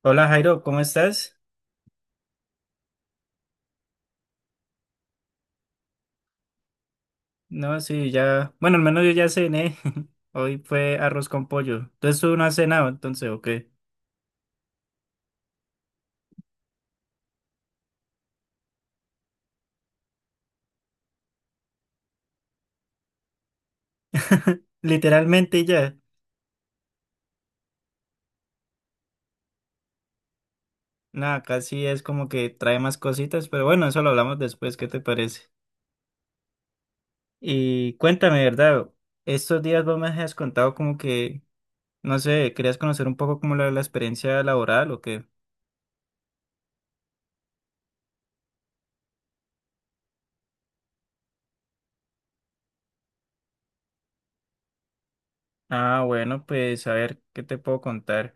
Hola Jairo, ¿cómo estás? No, sí, ya. Bueno, al menos yo ya cené. Hoy fue arroz con pollo. Entonces tú no has cenado, entonces, ¿o qué? Literalmente ya. Nada, casi es como que trae más cositas, pero bueno, eso lo hablamos después, ¿qué te parece? Y cuéntame, ¿verdad? Estos días vos me has contado como que, no sé, querías conocer un poco como la experiencia laboral o qué. Ah, bueno, pues a ver, ¿qué te puedo contar?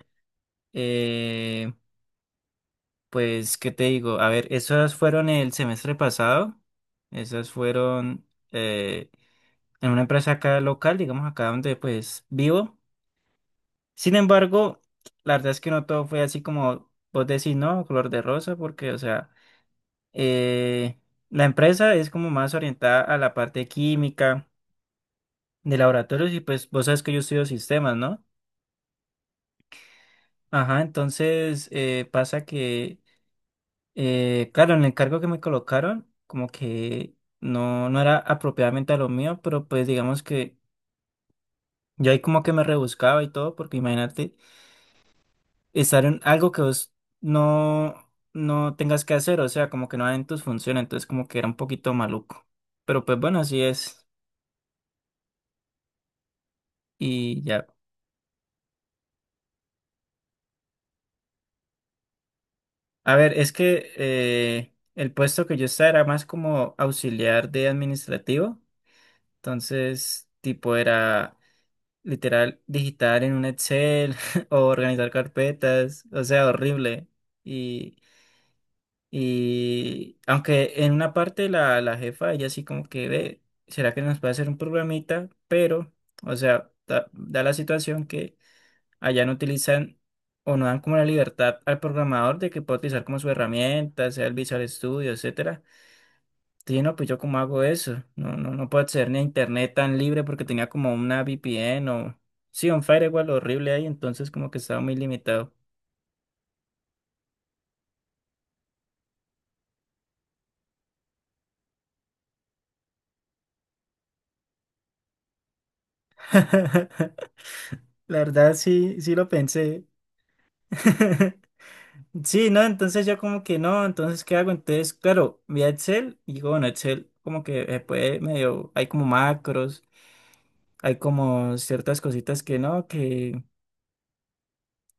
Pues, ¿qué te digo? A ver, esas fueron el semestre pasado. Esas fueron eh, en una empresa acá local, digamos acá donde pues vivo. Sin embargo, la verdad es que no todo fue así como vos decís, ¿no? Color de rosa, porque, o sea, eh, la empresa es como más orientada a la parte química de laboratorios y pues vos sabes que yo estudio sistemas, ¿no? Ajá, entonces pasa que claro, en el cargo que me colocaron, como que no era apropiadamente a lo mío, pero pues digamos que yo ahí como que me rebuscaba y todo, porque imagínate estar en algo que vos no tengas que hacer, o sea, como que no hagan tus funciones, entonces como que era un poquito maluco. Pero pues bueno, así es. Y ya. A ver, es que el puesto que yo estaba era más como auxiliar de administrativo, entonces tipo era literal digitar en un Excel o organizar carpetas, o sea, horrible. Y, y aunque en una parte la jefa, ella sí como que ve, ¿será que nos puede hacer un programita? Pero, o sea, da la situación que allá no utilizan o no dan como la libertad al programador de que pueda utilizar como su herramienta, sea el Visual Studio, etcétera. Sí, no, pues yo cómo hago eso. No puedo acceder ni a internet tan libre porque tenía como una VPN o... Sí, un firewall horrible ahí, entonces como que estaba muy limitado. La verdad sí, sí lo pensé. Sí, no, entonces yo como que no, entonces ¿qué hago? Entonces, claro, vi a Excel y digo, bueno, Excel como que se puede medio, hay como macros, hay como ciertas cositas que no, que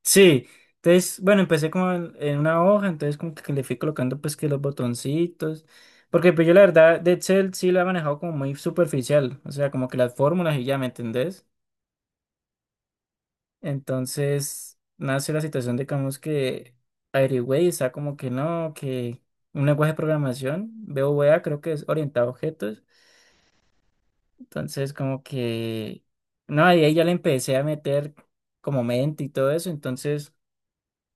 Sí, entonces, bueno, empecé como en una hoja, entonces como que le fui colocando pues que los botoncitos, porque pues yo la verdad de Excel sí lo he manejado como muy superficial, o sea, como que las fórmulas y ya, ¿me entendés? Entonces nace la situación de digamos que averigüé y está como que no, que un lenguaje de programación, BOVA creo que es orientado a objetos, entonces como que, no, y ahí ya le empecé a meter como mente y todo eso, entonces...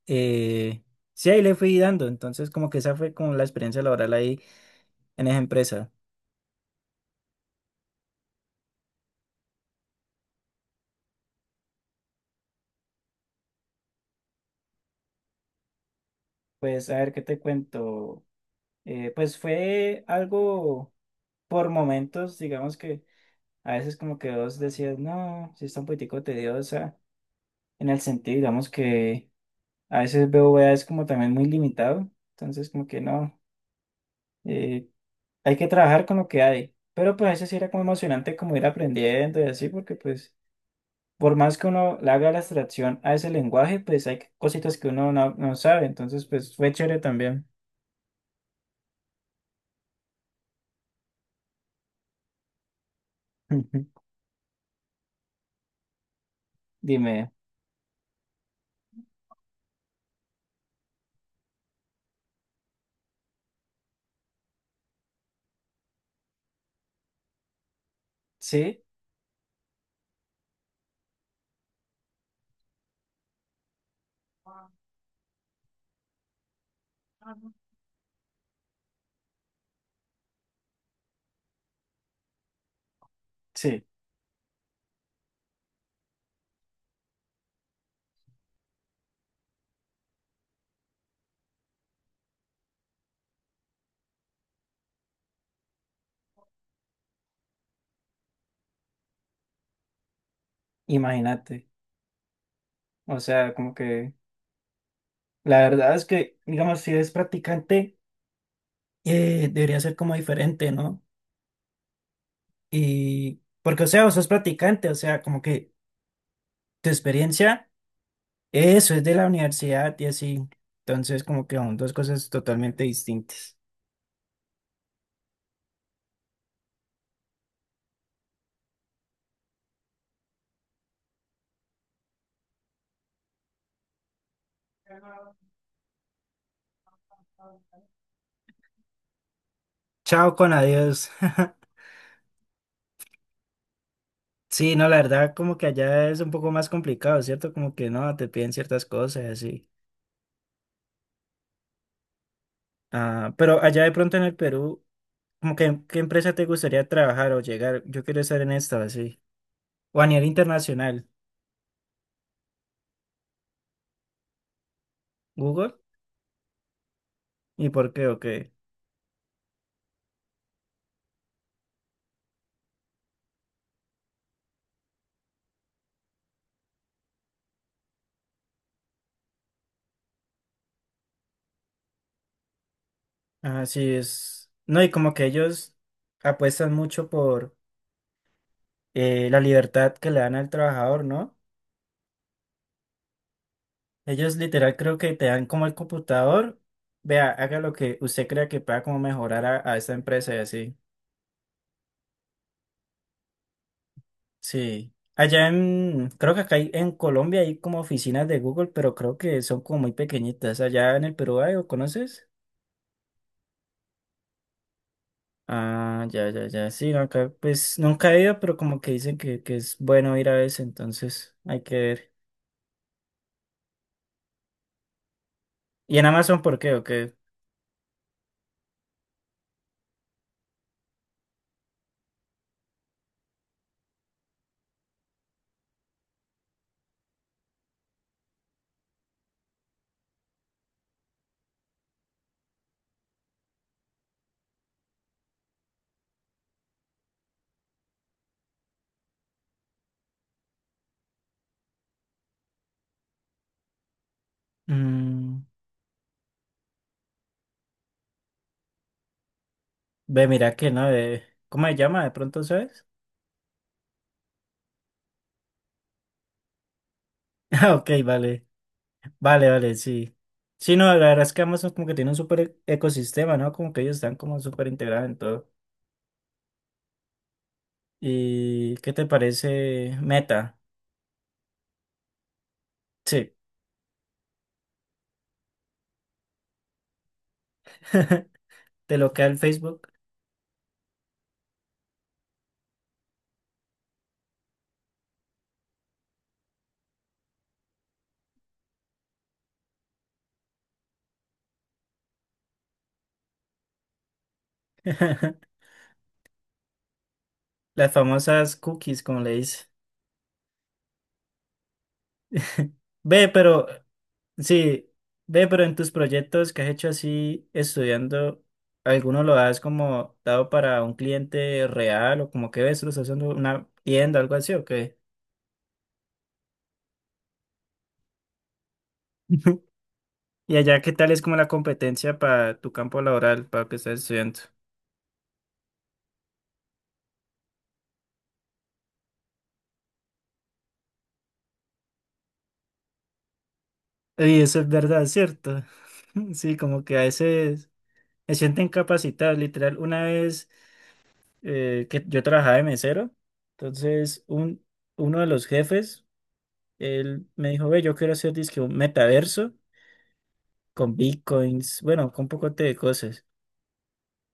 eh, sí, ahí le fui dando. Entonces, como que esa fue como la experiencia laboral ahí en esa empresa. Pues a ver qué te cuento. Pues fue algo por momentos, digamos que a veces como que vos decías, no, sí está un poquitico tediosa, en el sentido, digamos que a veces veo es como también muy limitado, entonces como que no, eh, hay que trabajar con lo que hay. Pero pues a veces sí era como emocionante como ir aprendiendo y así, porque pues por más que uno le haga la abstracción a ese lenguaje, pues hay cositas que uno no sabe. Entonces, pues fue chévere también. Dime, sí, sí, imagínate. O sea, como que la verdad es que, digamos, si eres practicante, debería ser como diferente, ¿no? Y porque, o sea, vos sos practicante, o sea, como que tu experiencia, eso es de la universidad y así. Entonces, como que son dos cosas totalmente distintas. Chao con adiós. Sí, no, la verdad, como que allá es un poco más complicado, ¿cierto? Como que no, te piden ciertas cosas y así. Ah, pero allá de pronto en el Perú, como que ¿qué empresa te gustaría trabajar o llegar? Yo quiero estar en esta, así. O a nivel internacional, Google. ¿Y por qué o qué? Ah, sí, es. No, y como que ellos apuestan mucho por la libertad que le dan al trabajador, ¿no? Ellos literal creo que te dan como el computador. Vea, haga lo que usted crea que pueda como mejorar a esta empresa y así. Sí. Allá en, creo que acá hay- en Colombia hay como oficinas de Google, pero creo que son como muy pequeñitas. Allá en el Perú hay, ¿o conoces? Ah, ya, ya, ya. Sí, no, acá pues nunca he ido, pero como que dicen que es bueno ir a veces, entonces hay que ver. ¿Y en Amazon por qué o qué? Mm, ve, mira que no, de, ¿cómo se llama? ¿De pronto sabes? Ah, ok, vale. Vale, vale, sí. Sí, no, la verdad es que Amazon como que tiene un súper ecosistema, ¿no? Como que ellos están como súper integrados en todo. ¿Y qué te parece Meta? Sí, de lo que da el Facebook. Las famosas cookies, como le dice. Ve, pero, sí, ve, pero en tus proyectos que has hecho así, estudiando, ¿alguno lo has como dado para un cliente real o como que ves, lo estás haciendo una tienda, algo así o qué? Y allá, ¿qué tal es como la competencia para tu campo laboral, para lo que estás estudiando? Y eso es verdad, ¿cierto? Sí, como que a veces... Me siento incapacitado, literal. Una vez que yo trabajaba de mesero, entonces un, uno de los jefes, él me dijo, ve, yo quiero hacer dizque un metaverso con bitcoins, bueno, con un poco de cosas.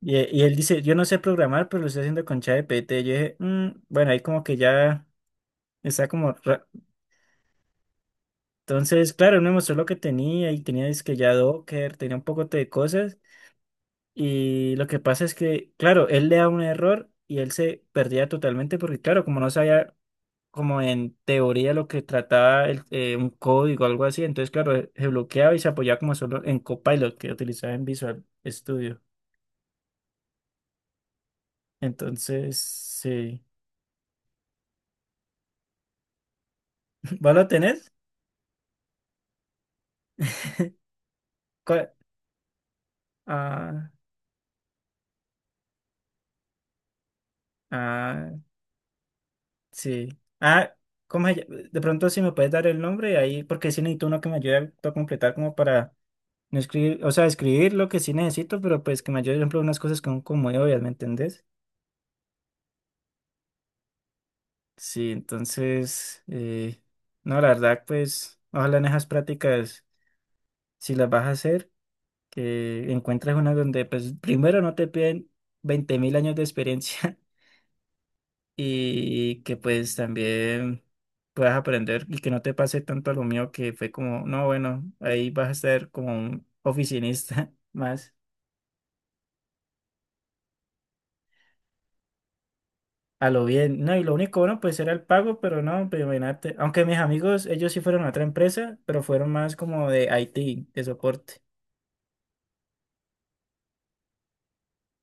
Y, e- y él dice, yo no sé programar, pero lo estoy haciendo con ChatGPT. Yo dije, "Mm, bueno, ahí como que ya está como... ra-". Entonces, claro, él me mostró lo que tenía y tenía dizque ya Docker, tenía un poco de cosas. Y lo que pasa es que, claro, él le da un error y él se perdía totalmente porque, claro, como no sabía como en teoría lo que trataba el- un código o algo así, entonces, claro, se bloqueaba y se apoyaba como solo en Copilot que utilizaba en Visual Studio. Entonces, sí. ¿Vos lo tenés? ¿Cuál? Ah, ah, sí. Ah, ¿cómo se llama? De pronto si me puedes dar el nombre ahí, porque sí necesito uno que me ayude a completar como para no escribir, o sea, escribir lo que sí necesito, pero pues que me ayude, por ejemplo, unas cosas que son como obvias, ¿me entendés? Sí, entonces, no, la verdad, pues, ojalá en esas prácticas, si las vas a hacer, que encuentres una donde, pues, primero no te piden 20.000 años de experiencia y que, pues, también puedas aprender y que no te pase tanto a lo mío que fue como, no, bueno, ahí vas a ser como un oficinista más. A lo bien, no, y lo único bueno, pues era el pago, pero no, pues imagínate, aunque mis amigos, ellos sí fueron a otra empresa, pero fueron más como de IT, de soporte.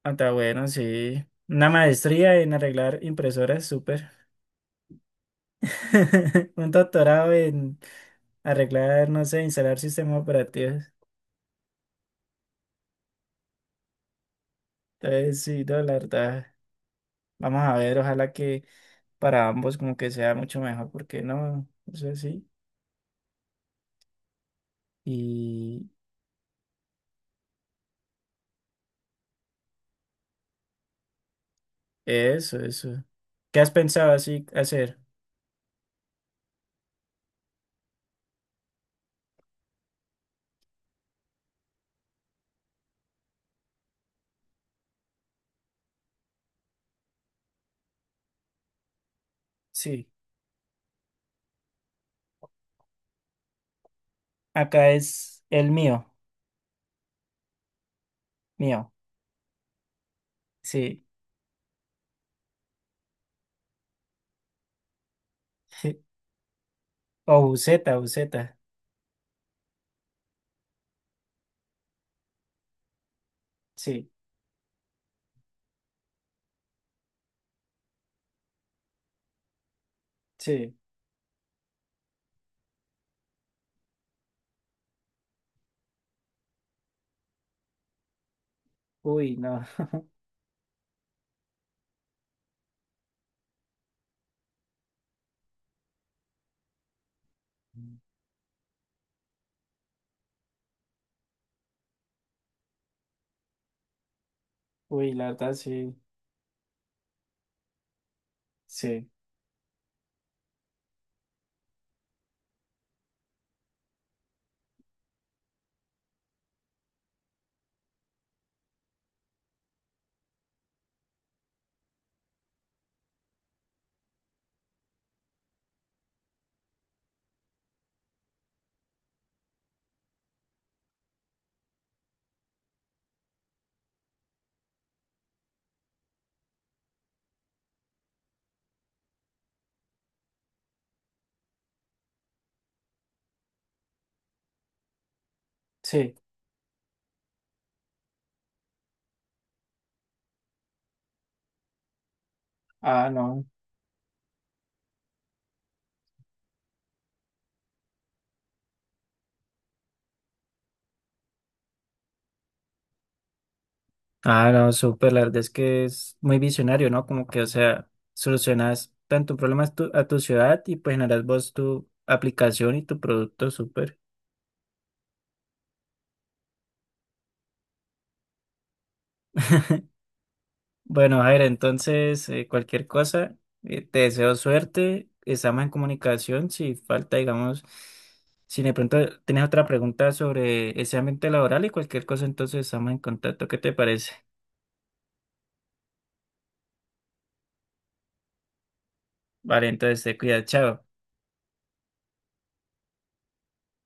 Hasta bueno, sí, una maestría en arreglar impresoras, súper. Un doctorado en arreglar, no sé, instalar sistemas operativos. Entonces, sí, no, la verdad, vamos a ver, ojalá que para ambos como que sea mucho mejor, porque no, eso sí. Y eso, eso. ¿Qué has pensado así hacer? Sí. Acá es el mío, mío, sí. O buceta, buceta, sí, sí. Uy, no. Uy, la verdad, sí, sí, sí. Ah, no. Ah, no, súper, la verdad es que es muy visionario, ¿no? Como que, o sea, solucionas tanto problemas tu- a tu ciudad y pues generas vos tu aplicación y tu producto, súper. Bueno, Jair, entonces cualquier cosa, te deseo suerte, estamos en comunicación, si falta, digamos, si de pronto tienes otra pregunta sobre ese ambiente laboral y cualquier cosa, entonces estamos en contacto, ¿qué te parece? Vale, entonces te cuida, chao.